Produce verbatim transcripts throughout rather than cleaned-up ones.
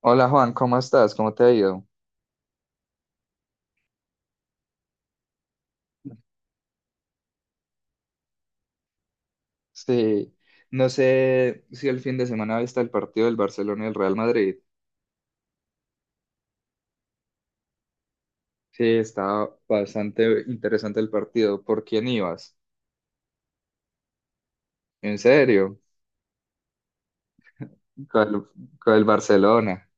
Hola Juan, ¿cómo estás? ¿Cómo te ha ido? Sí, no sé si el fin de semana viste el partido del Barcelona y el Real Madrid. Sí, estaba bastante interesante el partido. ¿Por quién ibas? ¿En serio? Con el, con el Barcelona.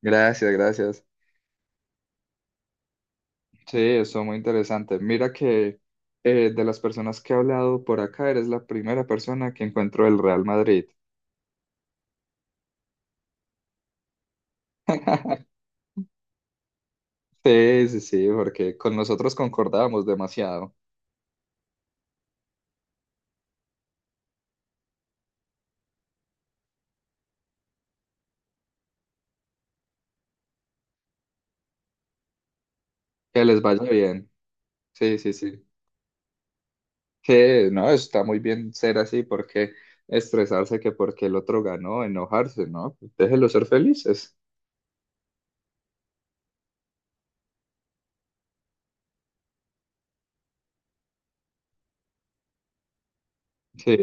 Gracias, gracias. Sí, eso muy interesante. Mira que eh, de las personas que he hablado por acá, eres la primera persona que encuentro del Real Madrid. Sí, sí, sí, porque con nosotros concordábamos demasiado. Que les vaya bien. Sí, sí, sí. Sí, no, está muy bien ser así, porque estresarse que porque el otro ganó, enojarse, ¿no? Déjelo ser felices. Sí,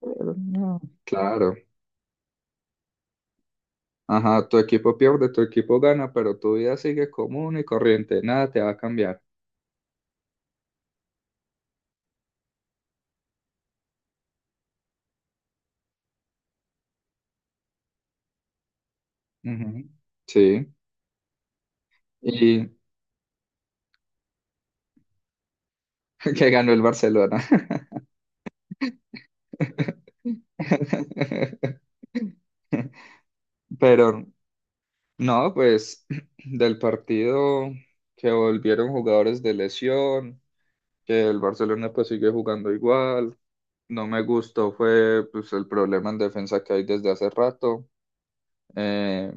pero no, claro. Ajá, tu equipo pierde, tu equipo gana, pero tu vida sigue común y corriente, nada te va a cambiar. Ujú. Sí, y que ganó el Barcelona. Pero no, pues del partido que volvieron jugadores de lesión. Que el Barcelona pues sigue jugando igual. No me gustó fue pues el problema en defensa que hay desde hace rato. Eh,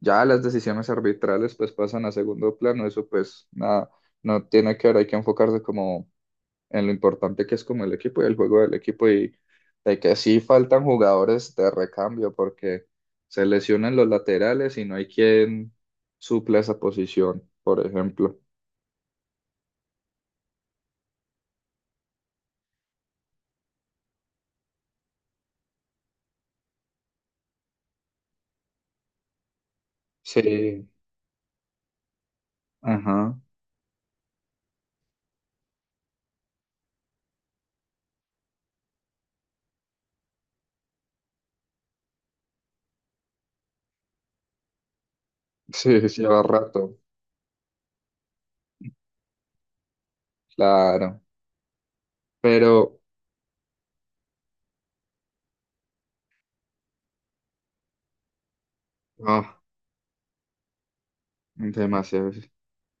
ya las decisiones arbitrales pues pasan a segundo plano, eso pues nada, no tiene que ver, hay que enfocarse como en lo importante que es como el equipo y el juego del equipo y de que sí faltan jugadores de recambio porque se lesionan los laterales y no hay quien suple esa posición, por ejemplo. Sí, ajá, sí, sí, lleva rato. Claro, pero ah, demasiado.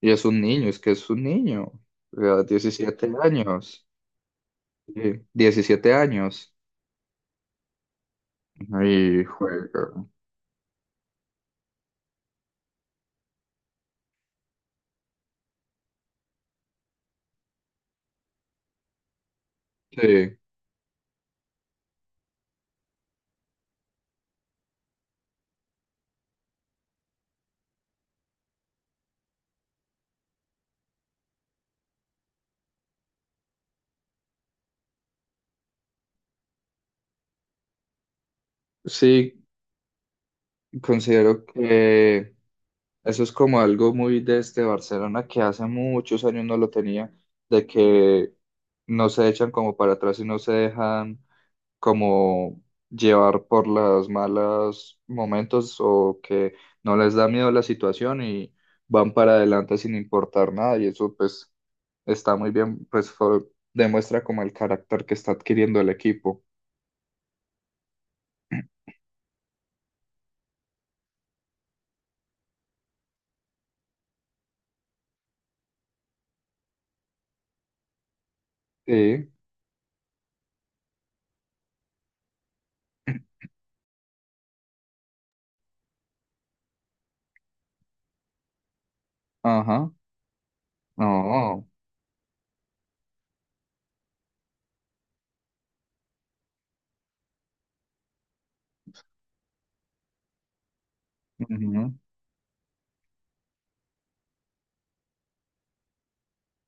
Y es un niño, es que es un niño, o sea, diecisiete años, sí, diecisiete años. Y juega. Sí, sí, considero que eso es como algo muy de este Barcelona que hace muchos años no lo tenía, de que no se echan como para atrás y no se dejan como llevar por las malas momentos o que no les da miedo la situación y van para adelante sin importar nada y eso pues está muy bien, pues fue- demuestra como el carácter que está adquiriendo el equipo. Sí, ajá, no, ujú.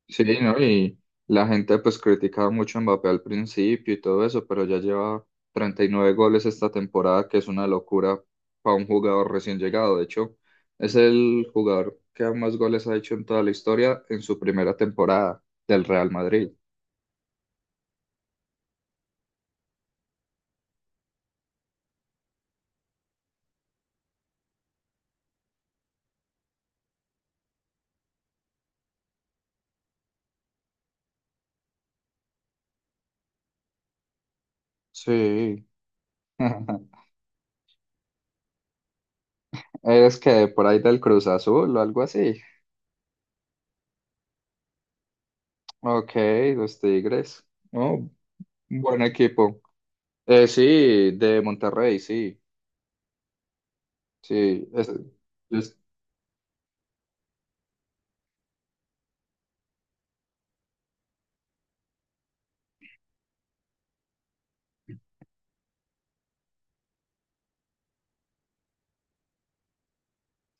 Sí, ¿no? Y la gente pues criticaba mucho a Mbappé al principio y todo eso, pero ya lleva treinta y nueve goles esta temporada, que es una locura para un jugador recién llegado. De hecho, es el jugador que más goles ha hecho en toda la historia en su primera temporada del Real Madrid. Sí. ¿Eres que por ahí del Cruz Azul o algo así? Ok, los Tigres. Oh, un buen equipo. Eh, sí, de Monterrey, sí. Sí, es- es-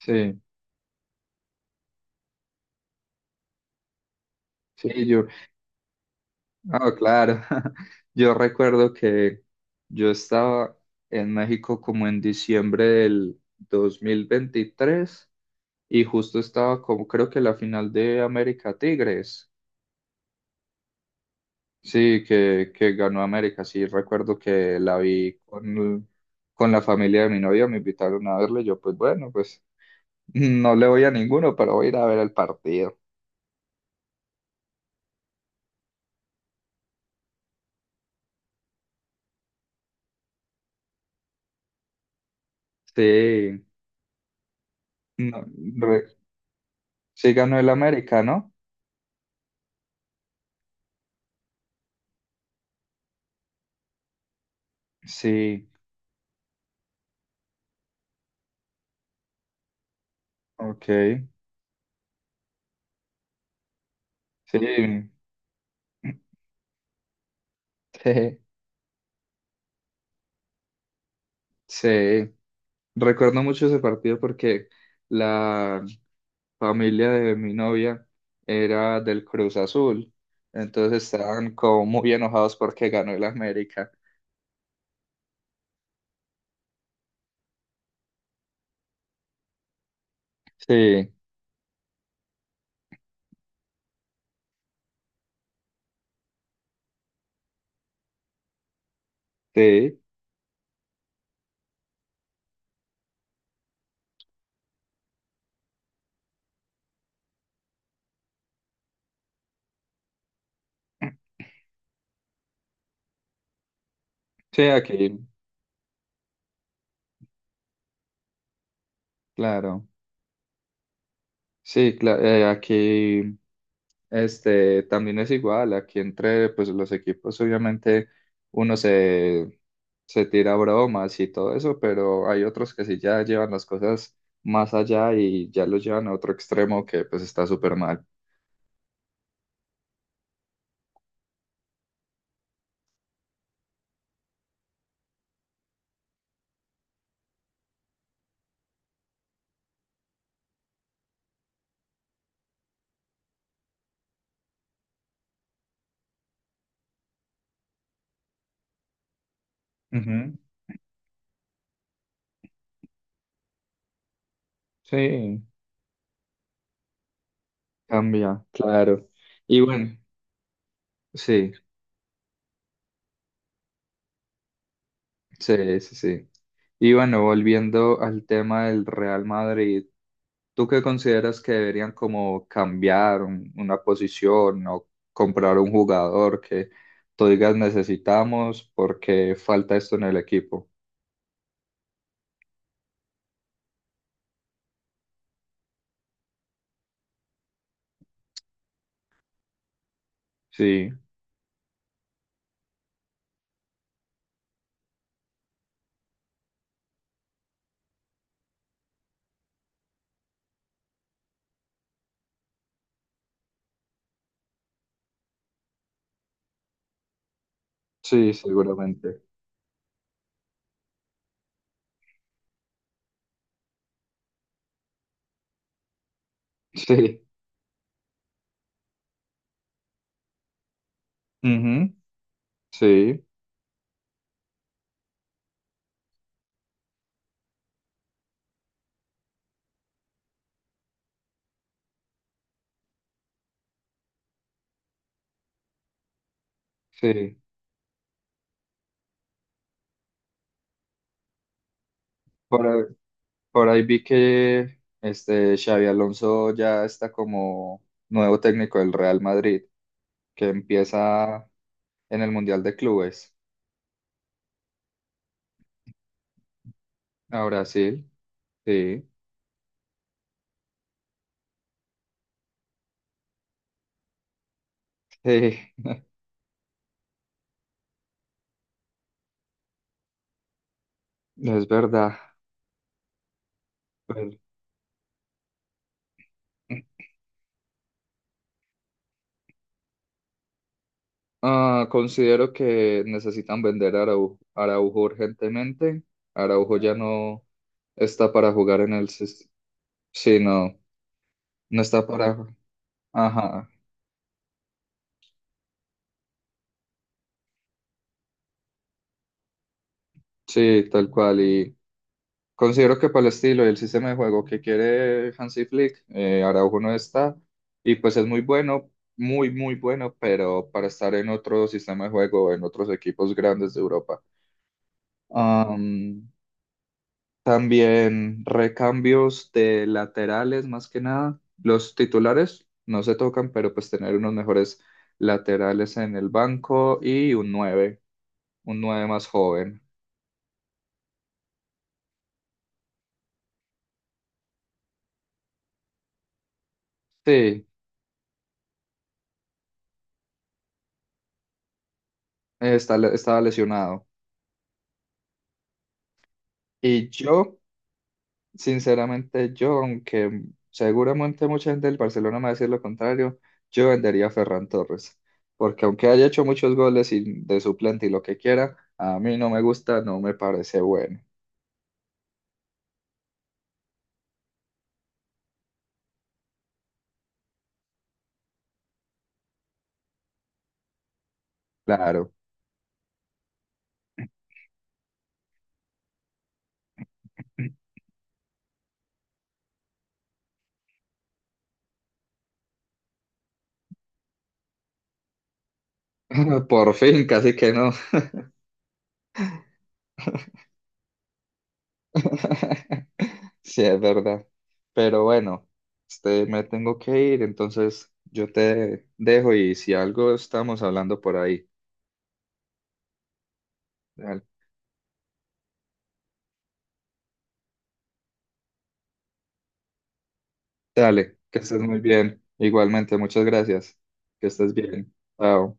sí. Sí, yo, ah, claro. Yo recuerdo que yo estaba en México como en diciembre del dos mil veintitrés y justo estaba como creo que la final de América Tigres. Sí, que, que ganó América. Sí, recuerdo que la vi con, con la familia de mi novia, me invitaron a verle. Yo, pues bueno, pues no le voy a ninguno, pero voy a ir a ver el partido. Sí, no, re- sí ganó el América, ¿no? Sí, ok. Sí, sí, sí. Recuerdo mucho ese partido porque la familia de mi novia era del Cruz Azul, entonces estaban como muy enojados porque ganó el América. Sí, sí, sí, aquí, claro. Sí, cla- eh, aquí. Este, también es igual, aquí entre pues los equipos obviamente uno se, se tira bromas y todo eso, pero hay otros que sí ya llevan las cosas más allá y ya lo llevan a otro extremo que pues está súper mal. Ujú. Sí, cambia, claro. Y bueno, sí. Sí, sí, sí. Y bueno, volviendo al tema del Real Madrid, ¿tú qué consideras que deberían como cambiar un- una posición o comprar un jugador que tú digas necesitamos porque falta esto en el equipo? Sí, sí, seguramente. Sí, ujú, sí, sí. Por, ahí por ahí vi que este Xavi Alonso ya está como nuevo técnico del Real Madrid. Que empieza en el Mundial de Clubes a Brasil. Sí, sí, es verdad. Pero, ah, considero que necesitan vender a Araujo, Araujo urgentemente. Araujo ya no está para jugar en el... sis- Sí, no, no está para... Ajá, sí, tal cual. Y considero que para el estilo y el sistema de juego que quiere Hansi Flick, eh, Araujo no está, y pues es muy bueno, muy, muy bueno, pero para estar en otro sistema de juego, en otros equipos grandes de Europa. Am, también recambios de laterales, más que nada. Los titulares no se tocan, pero pues tener unos mejores laterales en el banco y un nueve un nueve más joven. Sí, está, estaba lesionado. Y yo sinceramente, yo, aunque seguramente mucha gente del Barcelona me va a decir lo contrario, yo vendería a Ferran Torres, porque aunque haya hecho muchos goles y de suplente y lo que quiera, a mí no me gusta, no me parece bueno. Claro, por fin, casi que no. Sí, es verdad. Pero bueno, este, me tengo que ir, entonces yo te dejo y si algo estamos hablando por ahí. Dale. Dale, que estés muy bien. Igualmente, muchas gracias. Que estés bien. Chao.